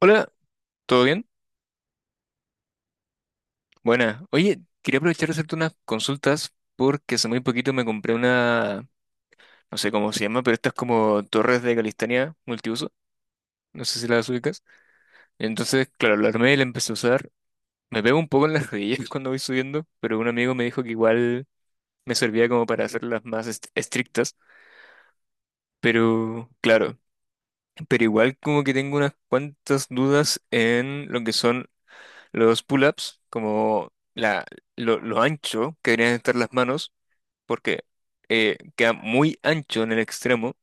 Hola, ¿todo bien? Buena. Oye, quería aprovechar de hacerte unas consultas porque hace muy poquito me compré una, no sé cómo se llama, pero estas como torres de calistenia multiuso. No sé si las ubicas. Entonces, claro, la armé y la empecé a usar. Me pego un poco en las rodillas cuando voy subiendo, pero un amigo me dijo que igual me servía como para hacerlas más estrictas. Pero, claro, pero igual como que tengo unas cuantas dudas en lo que son los pull-ups, como lo ancho que deberían estar las manos porque queda muy ancho en el extremo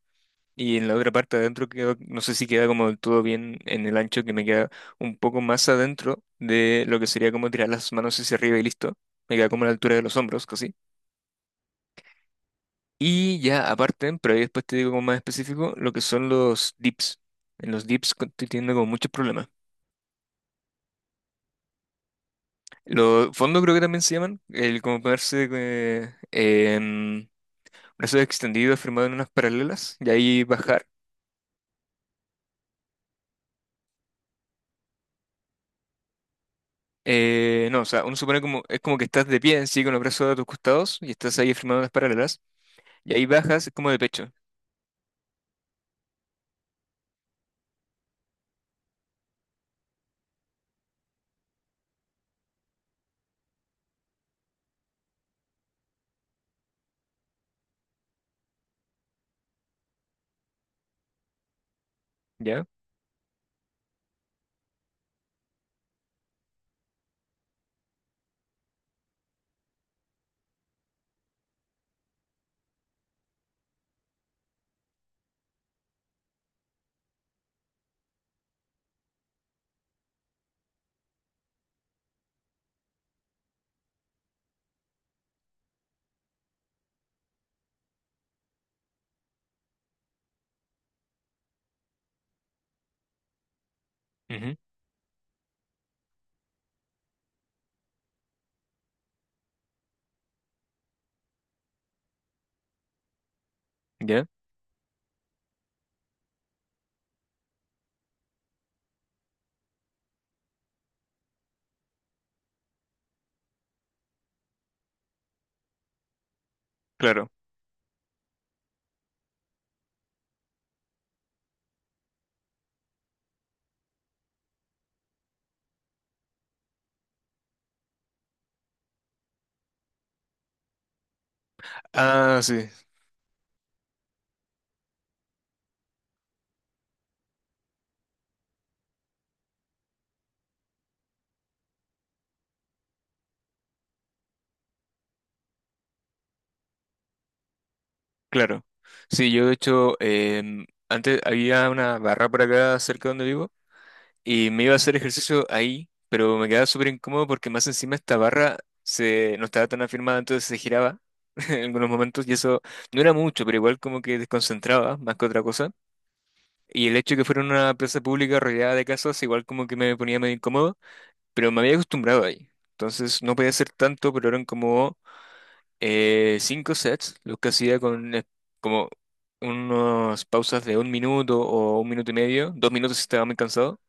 y en la otra parte adentro queda, no sé si queda como del todo bien en el ancho, que me queda un poco más adentro de lo que sería como tirar las manos hacia arriba y listo. Me queda como a la altura de los hombros, casi. Y ya aparte, pero ahí después te digo como más específico, lo que son los dips. En los dips estoy teniendo como muchos problemas. Los fondos creo que también se llaman, el como ponerse en brazos extendidos, firmado en unas paralelas y ahí bajar. No, o sea, uno supone como, es como que estás de pie en sí con los brazos a tus costados y estás ahí firmando las paralelas y ahí bajas como de pecho, ¿ya? Ujú. ¿Ya? Claro. Ah, sí, claro. Sí, yo de hecho, antes había una barra por acá cerca donde vivo y me iba a hacer ejercicio ahí, pero me quedaba súper incómodo porque más encima esta barra no estaba tan afirmada, entonces se giraba en algunos momentos y eso no era mucho, pero igual como que desconcentraba más que otra cosa. Y el hecho de que fuera una plaza pública rodeada de casas, igual como que me ponía medio incómodo, pero me había acostumbrado ahí. Entonces no podía hacer tanto, pero eran como cinco sets, los que hacía con como unas pausas de un minuto o un minuto y medio, 2 minutos si estaba muy cansado.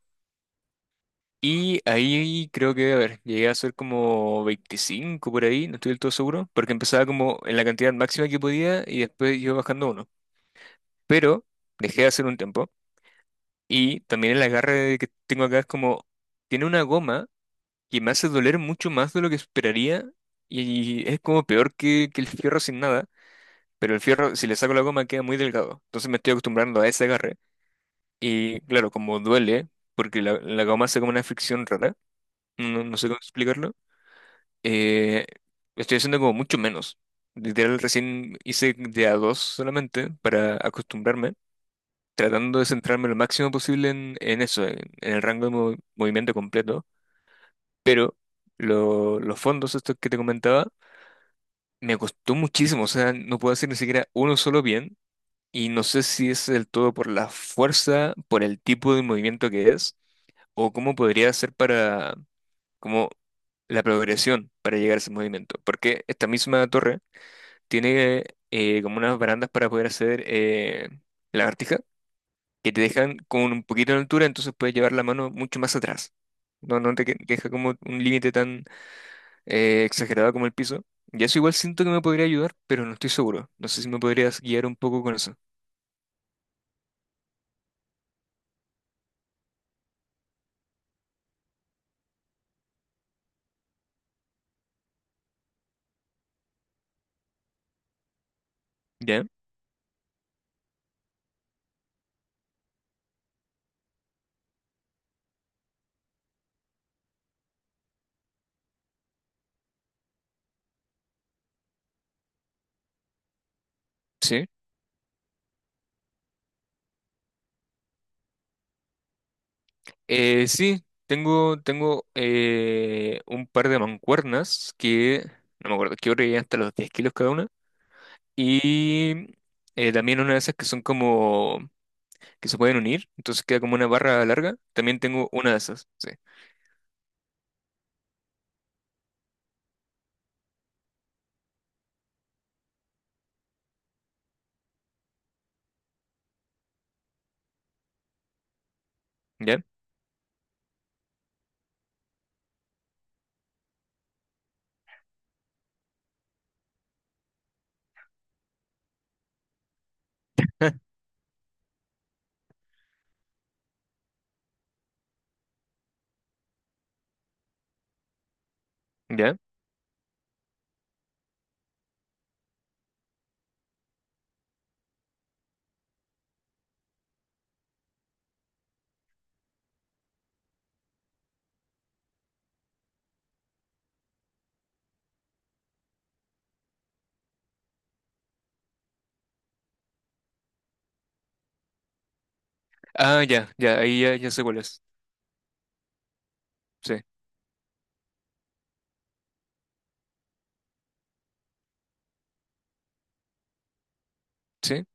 Y ahí creo que, a ver, llegué a hacer como 25 por ahí, no estoy del todo seguro, porque empezaba como en la cantidad máxima que podía y después iba bajando uno. Pero dejé de hacer un tiempo. Y también el agarre que tengo acá es como, tiene una goma que me hace doler mucho más de lo que esperaría y es como peor que el fierro sin nada, pero el fierro si le saco la goma queda muy delgado, entonces me estoy acostumbrando a ese agarre y claro, como duele, porque la goma hace como una fricción rara, no, no sé cómo explicarlo, eh, estoy haciendo como mucho menos. Literal, recién hice de a dos solamente para acostumbrarme. Tratando de centrarme lo máximo posible en eso, en el rango de movimiento completo, pero los fondos estos que te comentaba me costó muchísimo, o sea, no puedo hacer ni siquiera uno solo bien y no sé si es del todo por la fuerza, por el tipo de movimiento que es o cómo podría ser para como la progresión para llegar a ese movimiento, porque esta misma torre tiene como unas barandas para poder hacer lagartijas que te dejan con un poquito de altura, entonces puedes llevar la mano mucho más atrás. No, no te deja como un límite tan exagerado como el piso. Y eso igual siento que me podría ayudar, pero no estoy seguro. No sé si me podrías guiar un poco con eso. ¿Ya? Sí. Sí, tengo un par de mancuernas que no me acuerdo qué hora llegan hasta los 10 kilos cada una. Y también una de esas que son como que se pueden unir, entonces queda como una barra larga. También tengo una de esas. Sí. Ya. ¿Ya? Ah, ya, ya, ahí ya, ya sé cuál es. Sí, sí,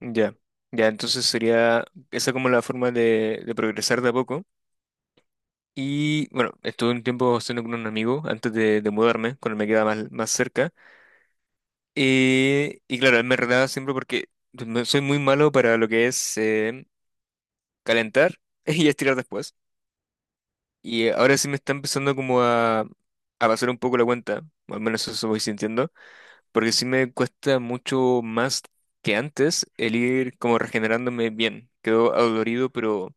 ya. Ya, entonces sería esa como la forma de progresar de a poco. Y bueno, estuve un tiempo haciendo con un amigo antes de mudarme, cuando me quedaba más cerca. Y claro, él me retaba siempre porque soy muy malo para lo que es calentar y estirar después. Y ahora sí me está empezando como a pasar un poco la cuenta, o al menos eso voy sintiendo porque sí me cuesta mucho más que antes el ir como regenerándome bien. Quedo adolorido, pero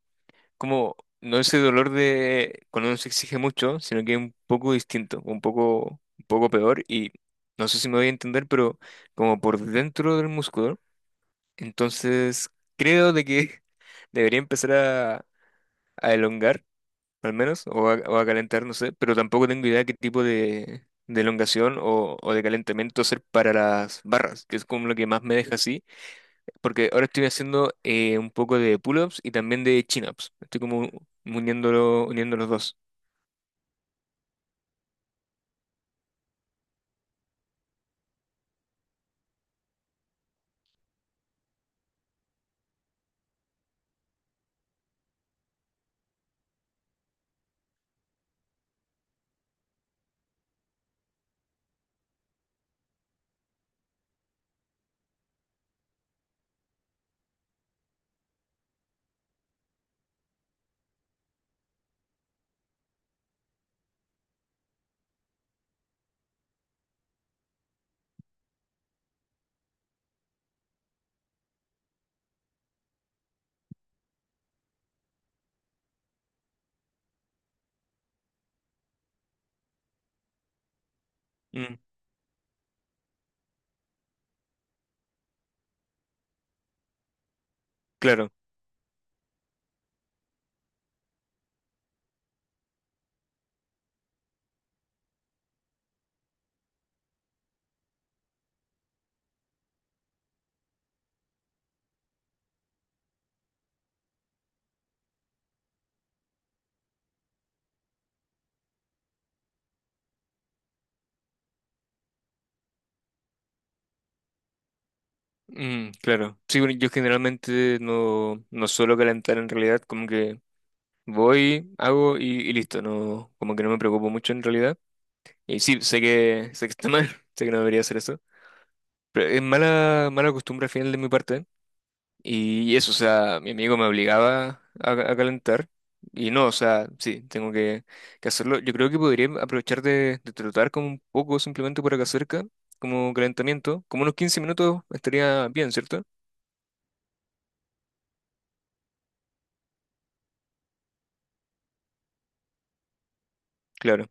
como no ese dolor de cuando uno se exige mucho, sino que es un poco distinto, un poco peor y no sé si me voy a entender, pero como por dentro del músculo. Entonces creo de que debería empezar a elongar al menos, o a calentar, no sé, pero tampoco tengo idea qué tipo de elongación o de calentamiento hacer para las barras, que es como lo que más me deja así, porque ahora estoy haciendo un poco de pull-ups y también de chin-ups, estoy como uniéndolo, uniendo los dos. Mm, claro, mm, claro. Sí, bueno, yo generalmente no, no suelo calentar en realidad, como que voy, hago y listo, no, como que no me preocupo mucho en realidad. Y sí, sé que está mal, sé que no debería hacer eso. Pero es mala, mala costumbre al final de mi parte. Y eso, o sea, mi amigo me obligaba a calentar. Y no, o sea, sí, tengo que hacerlo. Yo creo que podría aprovechar de trotar como un poco simplemente por acá cerca, como calentamiento. Como unos 15 minutos estaría bien, ¿cierto? Claro.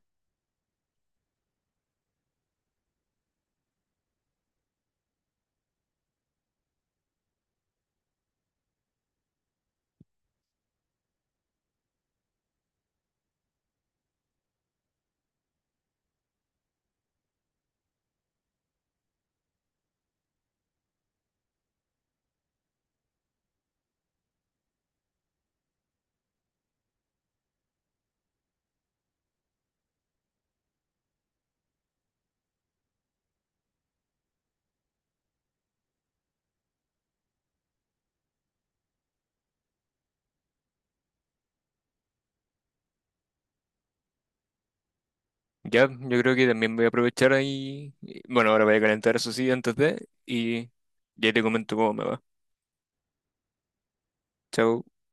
Ya, yo creo que también voy a aprovechar ahí. Bueno, ahora voy a calentar, eso sí, antes de. Y ya te comento cómo me va. Chao.